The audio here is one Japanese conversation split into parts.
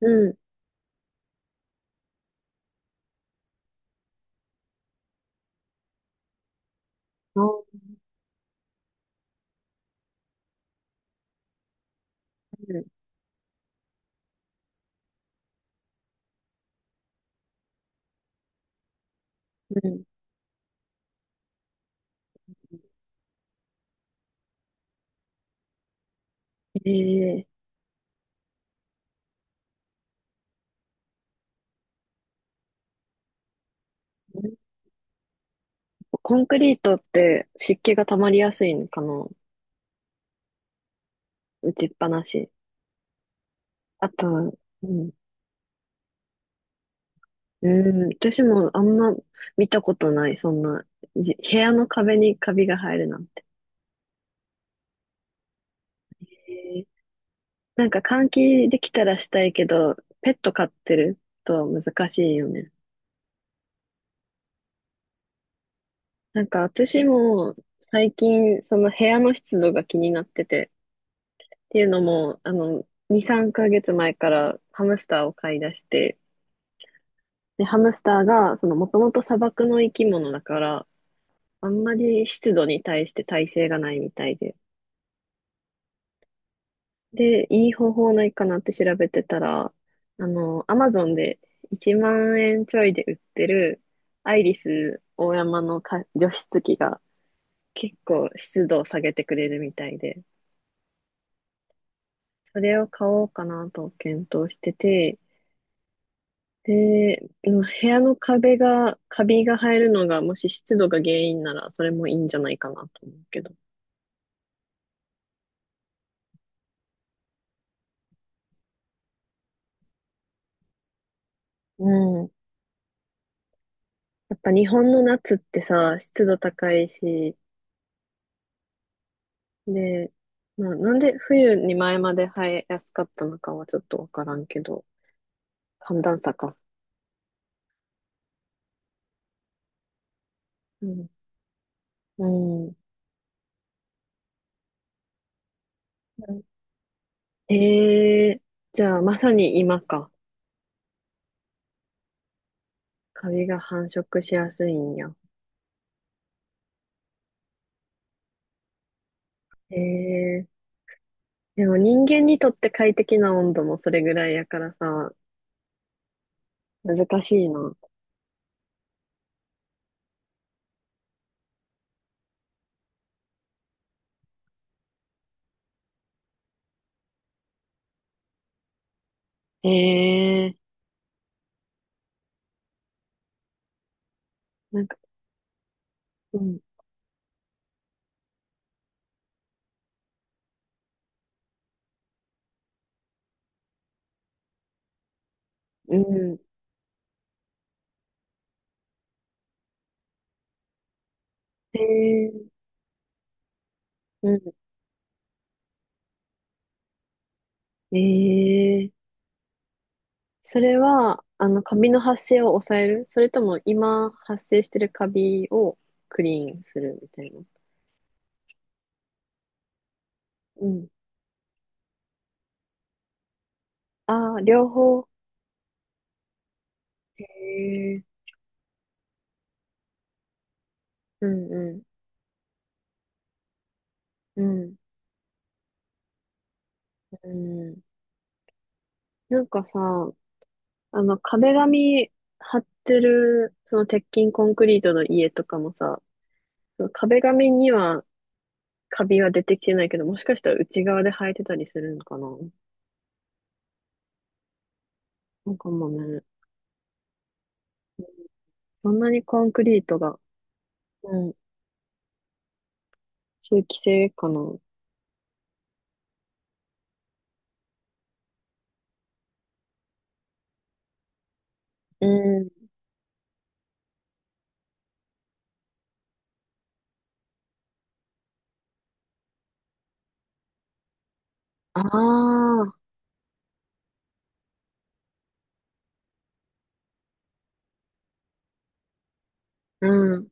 うん。あーうん。うん。えー、コンクリートって湿気が溜まりやすいのかな。打ちっぱなし。あと、うん。うん。私もあんま見たことない。そんな、部屋の壁にカビが生えるなんて。えー。なんか換気できたらしたいけど、ペット飼ってると難しいよね。なんか私も最近その部屋の湿度が気になってて、っていうのも、2、3ヶ月前からハムスターを飼い出して、で、ハムスターが、もともと砂漠の生き物だから、あんまり湿度に対して耐性がないみたいで。で、いい方法ないかなって調べてたら、アマゾンで1万円ちょいで売ってる、アイリス大山のか除湿機が結構湿度を下げてくれるみたいで、それを買おうかなと検討してて、で、うん、部屋の壁が、カビが生えるのが、もし湿度が原因なら、それもいいんじゃないかなと思うけど。うん。やっぱ日本の夏ってさ、湿度高いし、で、まあ、なんで冬に前まで生えやすかったのかはちょっとわからんけど、寒暖差か。うん。うん。えー。じゃあまさに今か。カビが繁殖しやすいんや。えー。でも人間にとって快適な温度もそれぐらいやからさ、難しいな。ええ。なんか、うん、うん。ええ。うん。ええ、それは、カビの発生を抑える、それとも今発生してるカビをクリーンするみたいな？うん。ああ、両方。へえ、うんうん、うん、うん。なんかさ、壁紙貼ってる、その鉄筋コンクリートの家とかもさ、その壁紙にはカビは出てきてないけど、もしかしたら内側で生えてたりするのかな。なんかもうね、そんなにコンクリートが、うん、通気性かな。うん。ああ、うん。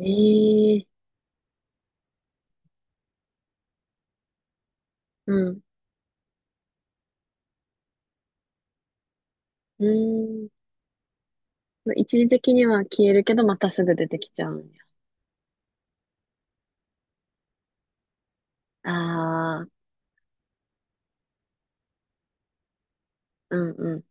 ええ、うん。うん。一時的には消えるけど、またすぐ出てきちゃうんや。ああ、うんうん、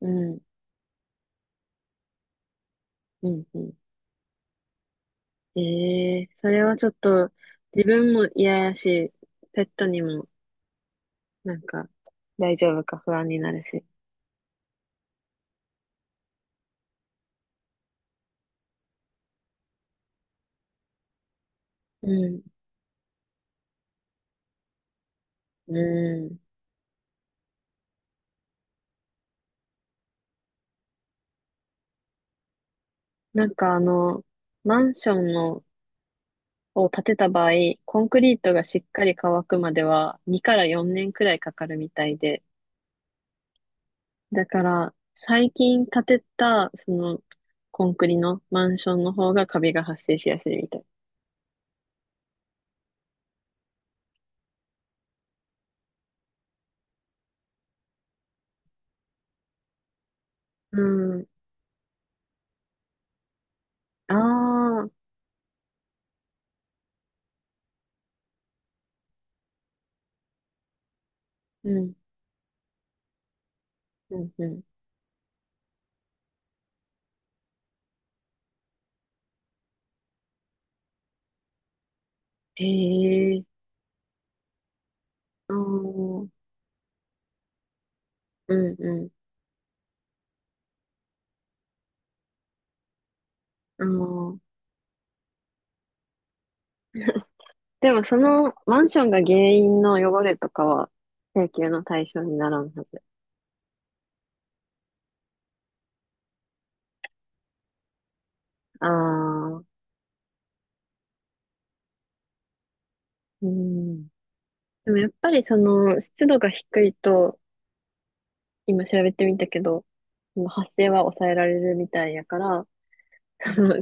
うん、うん、うん。ええ、それはちょっと、自分も嫌やし、ペットにも、なんか、大丈夫か不安になるし。うん、うん。なんか、マンションのを建てた場合、コンクリートがしっかり乾くまでは2から4年くらいかかるみたいで、だから最近建てたそのコンクリのマンションの方がカビが発生しやすいみたい。うん。ああ、うん、うん、うん。へえ、ああ、うん、うん、ああ。でもそのマンションが原因の汚れとかは請求の対象にならんはず。ああ、うん。でもやっぱりその湿度が低いと、今調べてみたけど、その発生は抑えられるみたいやから、その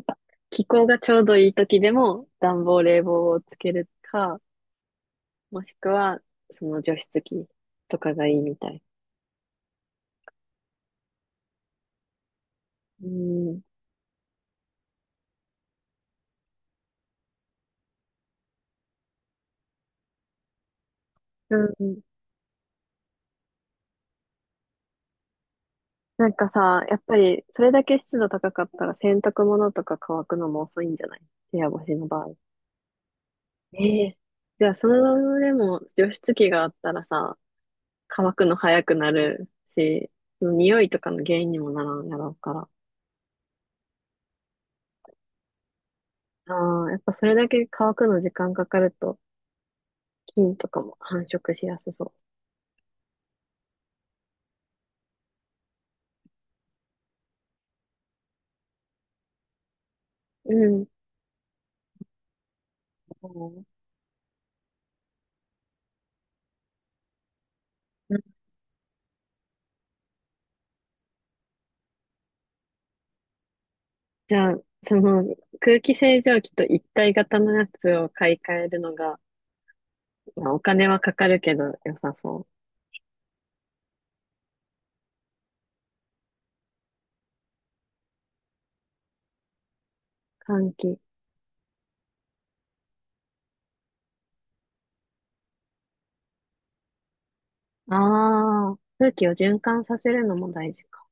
気候がちょうどいい時でも暖房冷房をつけるか、もしくはその除湿機とかがいいみたい。うん。うん。なんかさ、やっぱりそれだけ湿度高かったら洗濯物とか乾くのも遅いんじゃない？部屋干しの場合。ええ。じゃあそれでも除湿機があったらさ、乾くの早くなるし、匂いとかの原因にもならんやろうから。ああ、やっぱそれだけ乾くの時間かかると、菌とかも繁殖しやすそう。うん。うん。じゃあ、その空気清浄機と一体型のやつを買い替えるのが、まあ、お金はかかるけど良さそう。換気。ああ、空気を循環させるのも大事か。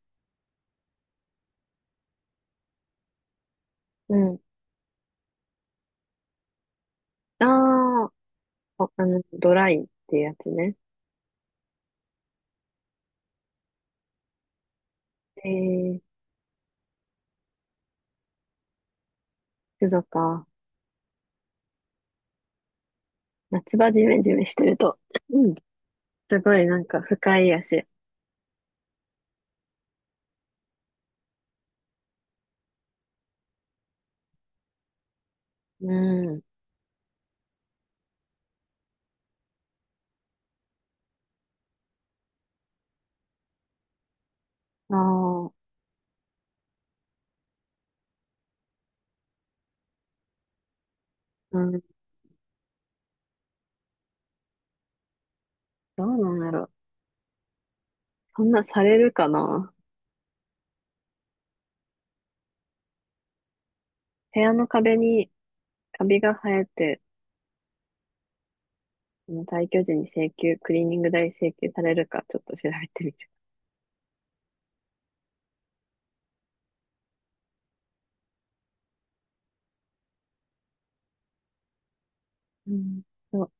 うん。ああ、ドライっていうやつね。えー、湿度か。夏場ジメジメしてると、うん、すごいなんか不快やし。うん。ああ、うん。どうなんやろ。そんなされるかな？部屋の壁にカビが生えて、その退去時に請求、クリーニング代請求されるかちょっと調べてみる。うん。そう、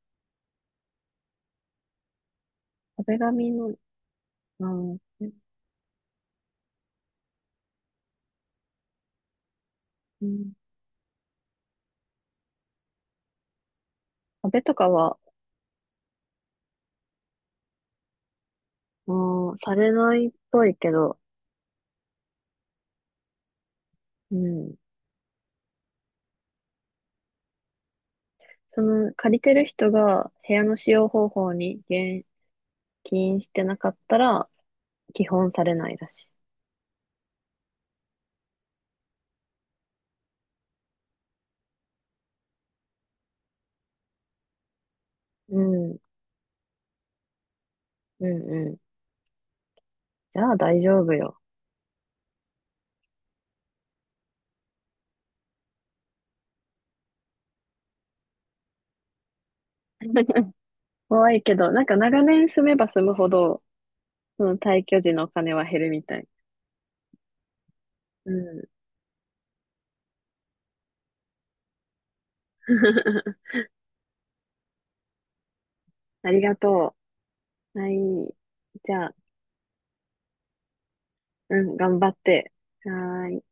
壁紙の、うん、うん、壁とかは、うん、されないっぽいけど、うん。その借りてる人が部屋の使用方法に言及してなかったら、基本されないらしい。うん、うん、うん。じゃあ大丈夫よ。怖いけど、なんか長年住めば住むほど、その退去時のお金は減るみたい。うん。ありがとう。はい。じゃあ、うん、頑張って。はーい。